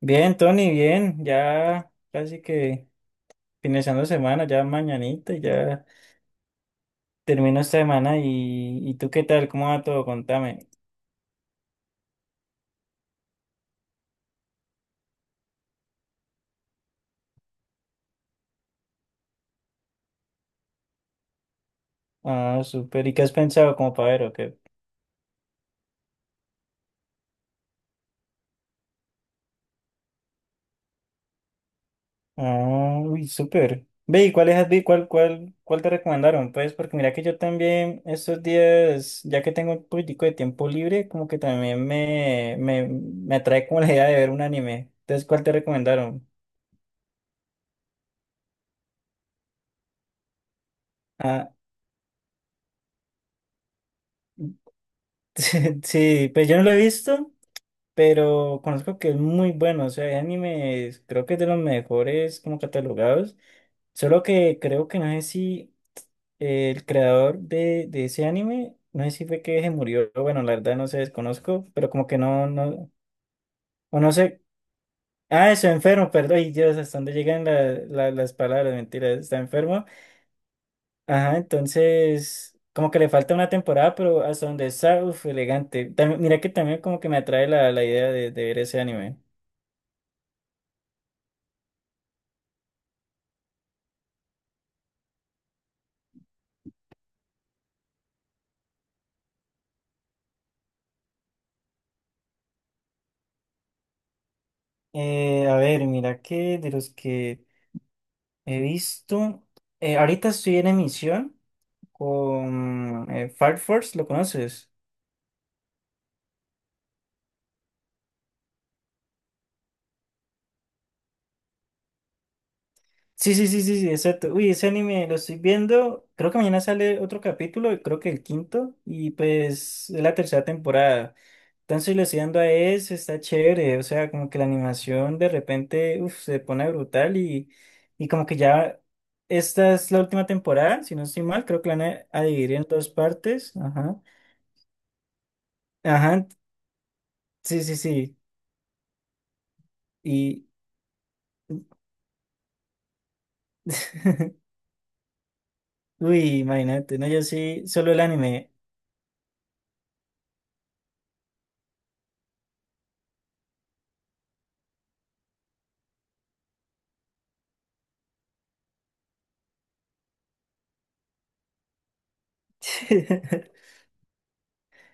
Bien, Tony, bien, ya casi que finalizando semana, ya mañanita, ya termino esta semana ¿y tú qué tal? ¿Cómo va todo? Contame. Ah, súper. ¿Y qué has pensado como para ver o qué? Ah, uy, súper. Ve, ¿y cuáles has vi- cuál, cuál, cuál te recomendaron? Pues porque mira que yo también estos días, ya que tengo un poquitico de tiempo libre, como que también me atrae como la idea de ver un anime. Entonces, ¿cuál te recomendaron? Ah, sí, pues yo no lo he visto, pero conozco que es muy bueno, o sea, hay animes, creo que es de los mejores como catalogados, solo que creo que no sé si el creador de ese anime, no sé si fue que se murió, bueno, la verdad no sé, desconozco, pero como que o no sé, ah, está enfermo, perdón, y Dios, hasta dónde llegan las palabras, mentiras, está enfermo, ajá, entonces... Como que le falta una temporada, pero hasta donde está, uff, elegante. Mira que también como que me atrae la idea de ver ese anime. A ver, mira que de los que he visto, ahorita estoy en emisión con Fire Force, ¿lo conoces? Sí, sí, sí, sí, sí, exacto. Uy, ese anime lo estoy viendo, creo que mañana sale otro capítulo, creo que el quinto, y pues es la tercera temporada. Entonces le estoy dando a ese, está chévere, o sea, como que la animación de repente, uf, se pone brutal y como que ya... Esta es la última temporada, si no estoy mal, creo que la van a dividir en dos partes. Ajá. Ajá, sí, sí, sí. Y. Uy, imagínate, no, yo sí, solo el anime.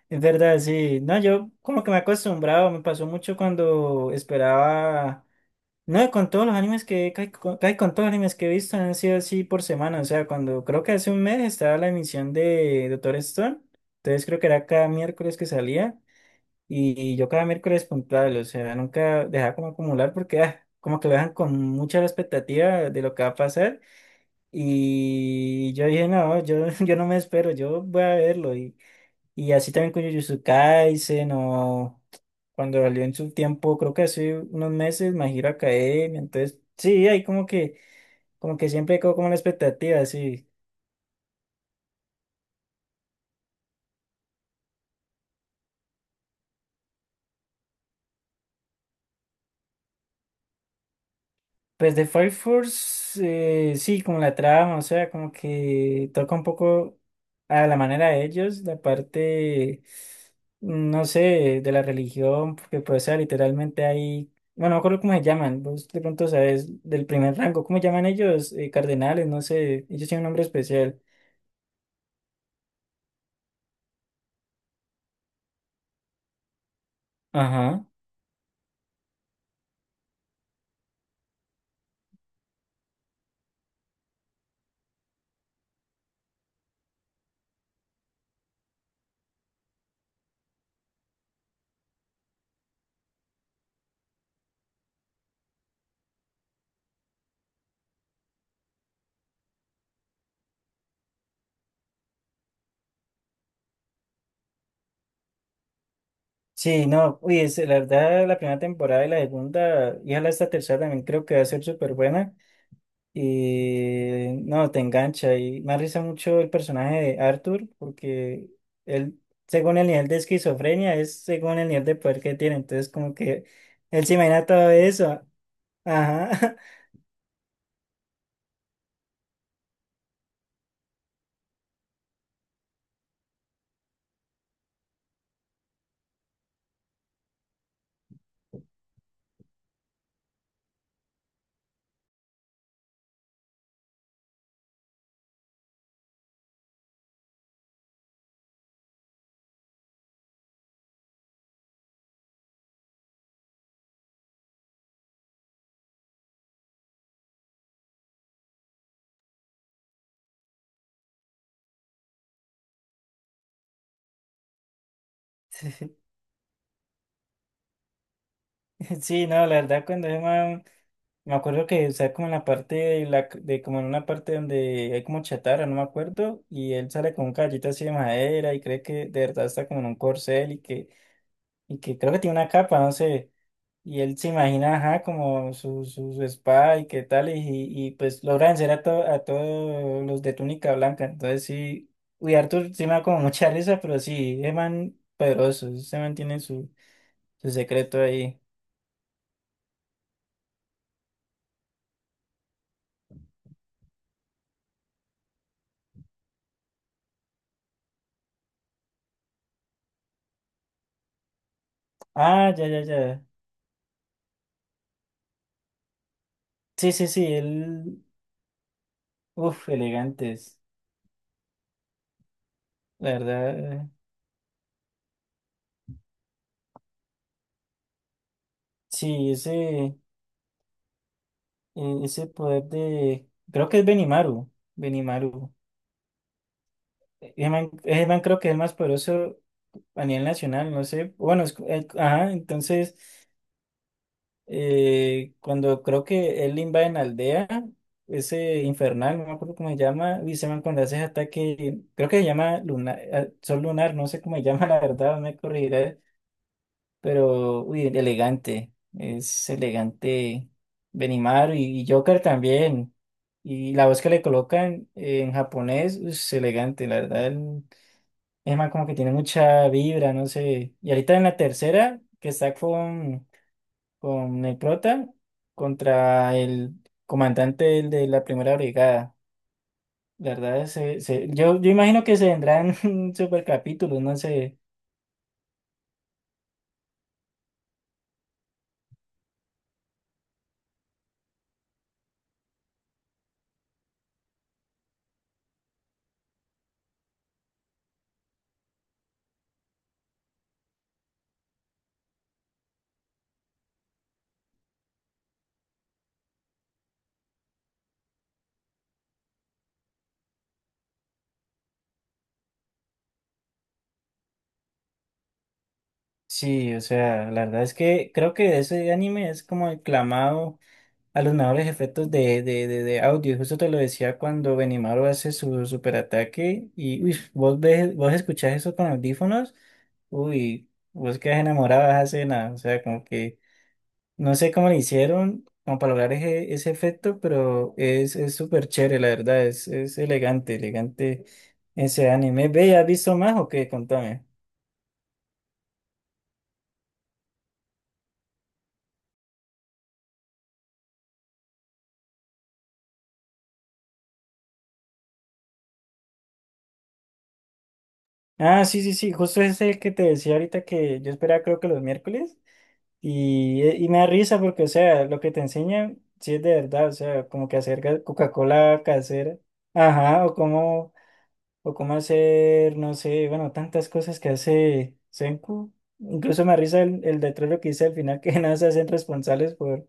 Es verdad, sí. No, yo como que me he acostumbrado, me pasó mucho cuando esperaba. No, con todos los animes que. Casi con todos los animes que he visto han sido así por semana. O sea, cuando creo que hace un mes estaba la emisión de Doctor Stone. Entonces creo que era cada miércoles que salía. Y yo cada miércoles puntual, o sea, nunca dejaba como acumular porque ah, como que lo dejan con mucha expectativa de lo que va a pasar. Y yo dije, yo no me espero, yo voy a verlo. Y así también con Jujutsu Kaisen o cuando salió en su tiempo, creo que hace unos meses, My Hero Academia. Entonces, sí, hay como que siempre quedó como la expectativa, sí. Pues de Fire Force, sí, como la trama, o sea, como que toca un poco a la manera de ellos, mm, no sé, de la religión, porque pues, o sea, literalmente hay, bueno, no me acuerdo cómo se llaman, vos de pronto sabes, del primer rango, ¿cómo llaman ellos? Cardenales, no sé, ellos tienen un nombre especial. Ajá. Sí, no, uy, la verdad, la primera temporada y la segunda, y ojalá esta tercera también creo que va a ser súper buena. Y no, te engancha. Y me arriesga mucho el personaje de Arthur, porque él, según el nivel de esquizofrenia, es según el nivel de poder que tiene. Entonces, como que él se imagina todo eso. Ajá. Sí, no, la verdad, me acuerdo que está como en la parte de, la, de como en una parte donde hay como chatarra, no me acuerdo, y él sale con un caballito así de madera y cree que de verdad está como en un corcel y que creo que tiene una capa, no sé. Y él se imagina, ajá, como su espada y qué tal, pues logra vencer a, a todos los de túnica blanca. Entonces sí, uy, Arthur sí me da como mucha risa, pero sí, es man poderoso, se mantiene su secreto ahí. Ah, ya. Sí, sí, sí, él, uff, elegantes, la verdad. Sí, ese ese poder de, creo que es Benimaru, Benimaru. Ese man creo que es el más poderoso a nivel nacional, no sé. Bueno, ajá, entonces, cuando creo que él invade en aldea, ese infernal, no me acuerdo cómo se llama, y ese man cuando hace ese ataque, creo que se llama Luna, ah, Sol Lunar, no sé cómo se llama, la verdad, no me corregirá, pero, uy, elegante, es elegante Benimaru y Joker también. Y la voz que le colocan en japonés, uy, es elegante, la verdad, es más, como que tiene mucha vibra, no sé. Y ahorita en la tercera, que está con el prota contra el comandante de la primera brigada. La verdad, yo imagino que se vendrán super capítulos, no sé. Sí, o sea, la verdad es que creo que ese anime es como el clamado a los mejores efectos de, de audio. Justo te lo decía cuando Benimaru hace su superataque y uy, vos ves, vos escuchás eso con audífonos, uy, vos quedas enamorado de esa escena. O sea, como que no sé cómo le hicieron como para lograr ese efecto, pero es súper chévere, la verdad, es elegante, elegante ese anime. Ve, ¿has visto más o qué? Contame. Ah, sí, sí, sí, justo ese que te decía ahorita que yo esperaba creo que los miércoles. Y me da risa porque, o sea, lo que te enseñan, sí es de verdad, o sea, como que hacer Coca-Cola casera, ajá, o cómo hacer, no sé, bueno, tantas cosas que hace Senku. Incluso me da risa el letrero que dice al final que nada se hacen responsables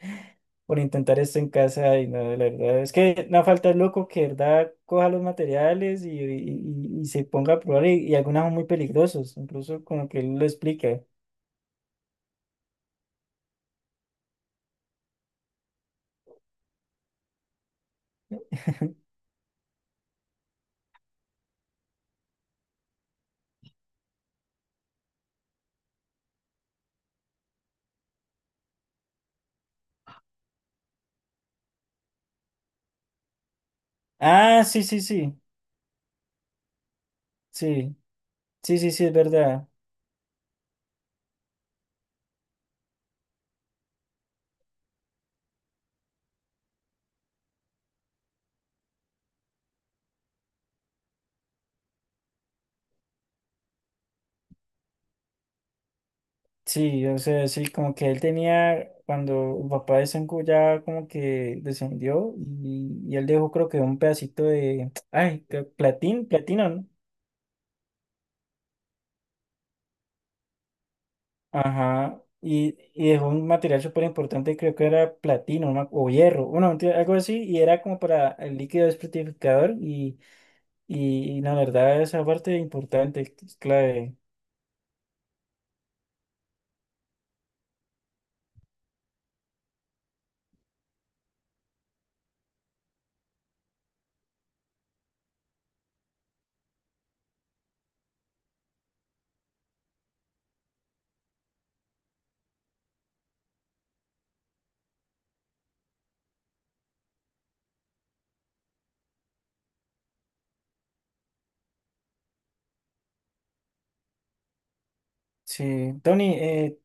por intentar esto en casa y no, la verdad, es que no falta el loco que, de verdad, coja los materiales y se ponga a probar y algunos son muy peligrosos, incluso como que él lo explica. Ah, sí, sí, sí, sí. Sí, sí, sí, es verdad. Sí, o sea, sí, como que él tenía, cuando el papá de Sengoku ya como que descendió y él dejó creo que un pedacito de, ay, platín, platino, ¿no? Ajá, y dejó un material súper importante, creo que era platino ¿no? o hierro, bueno, mentira, algo así, y era como para el líquido desprotificador y la verdad esa parte importante, es clave. Sí, Tony,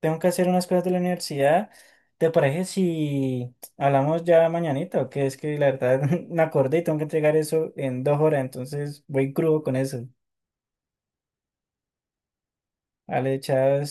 tengo que hacer unas cosas de la universidad. ¿Te parece si hablamos ya mañanita? Que es que la verdad me acordé y tengo que entregar eso en 2 horas, entonces voy crudo con eso. Ale, chao.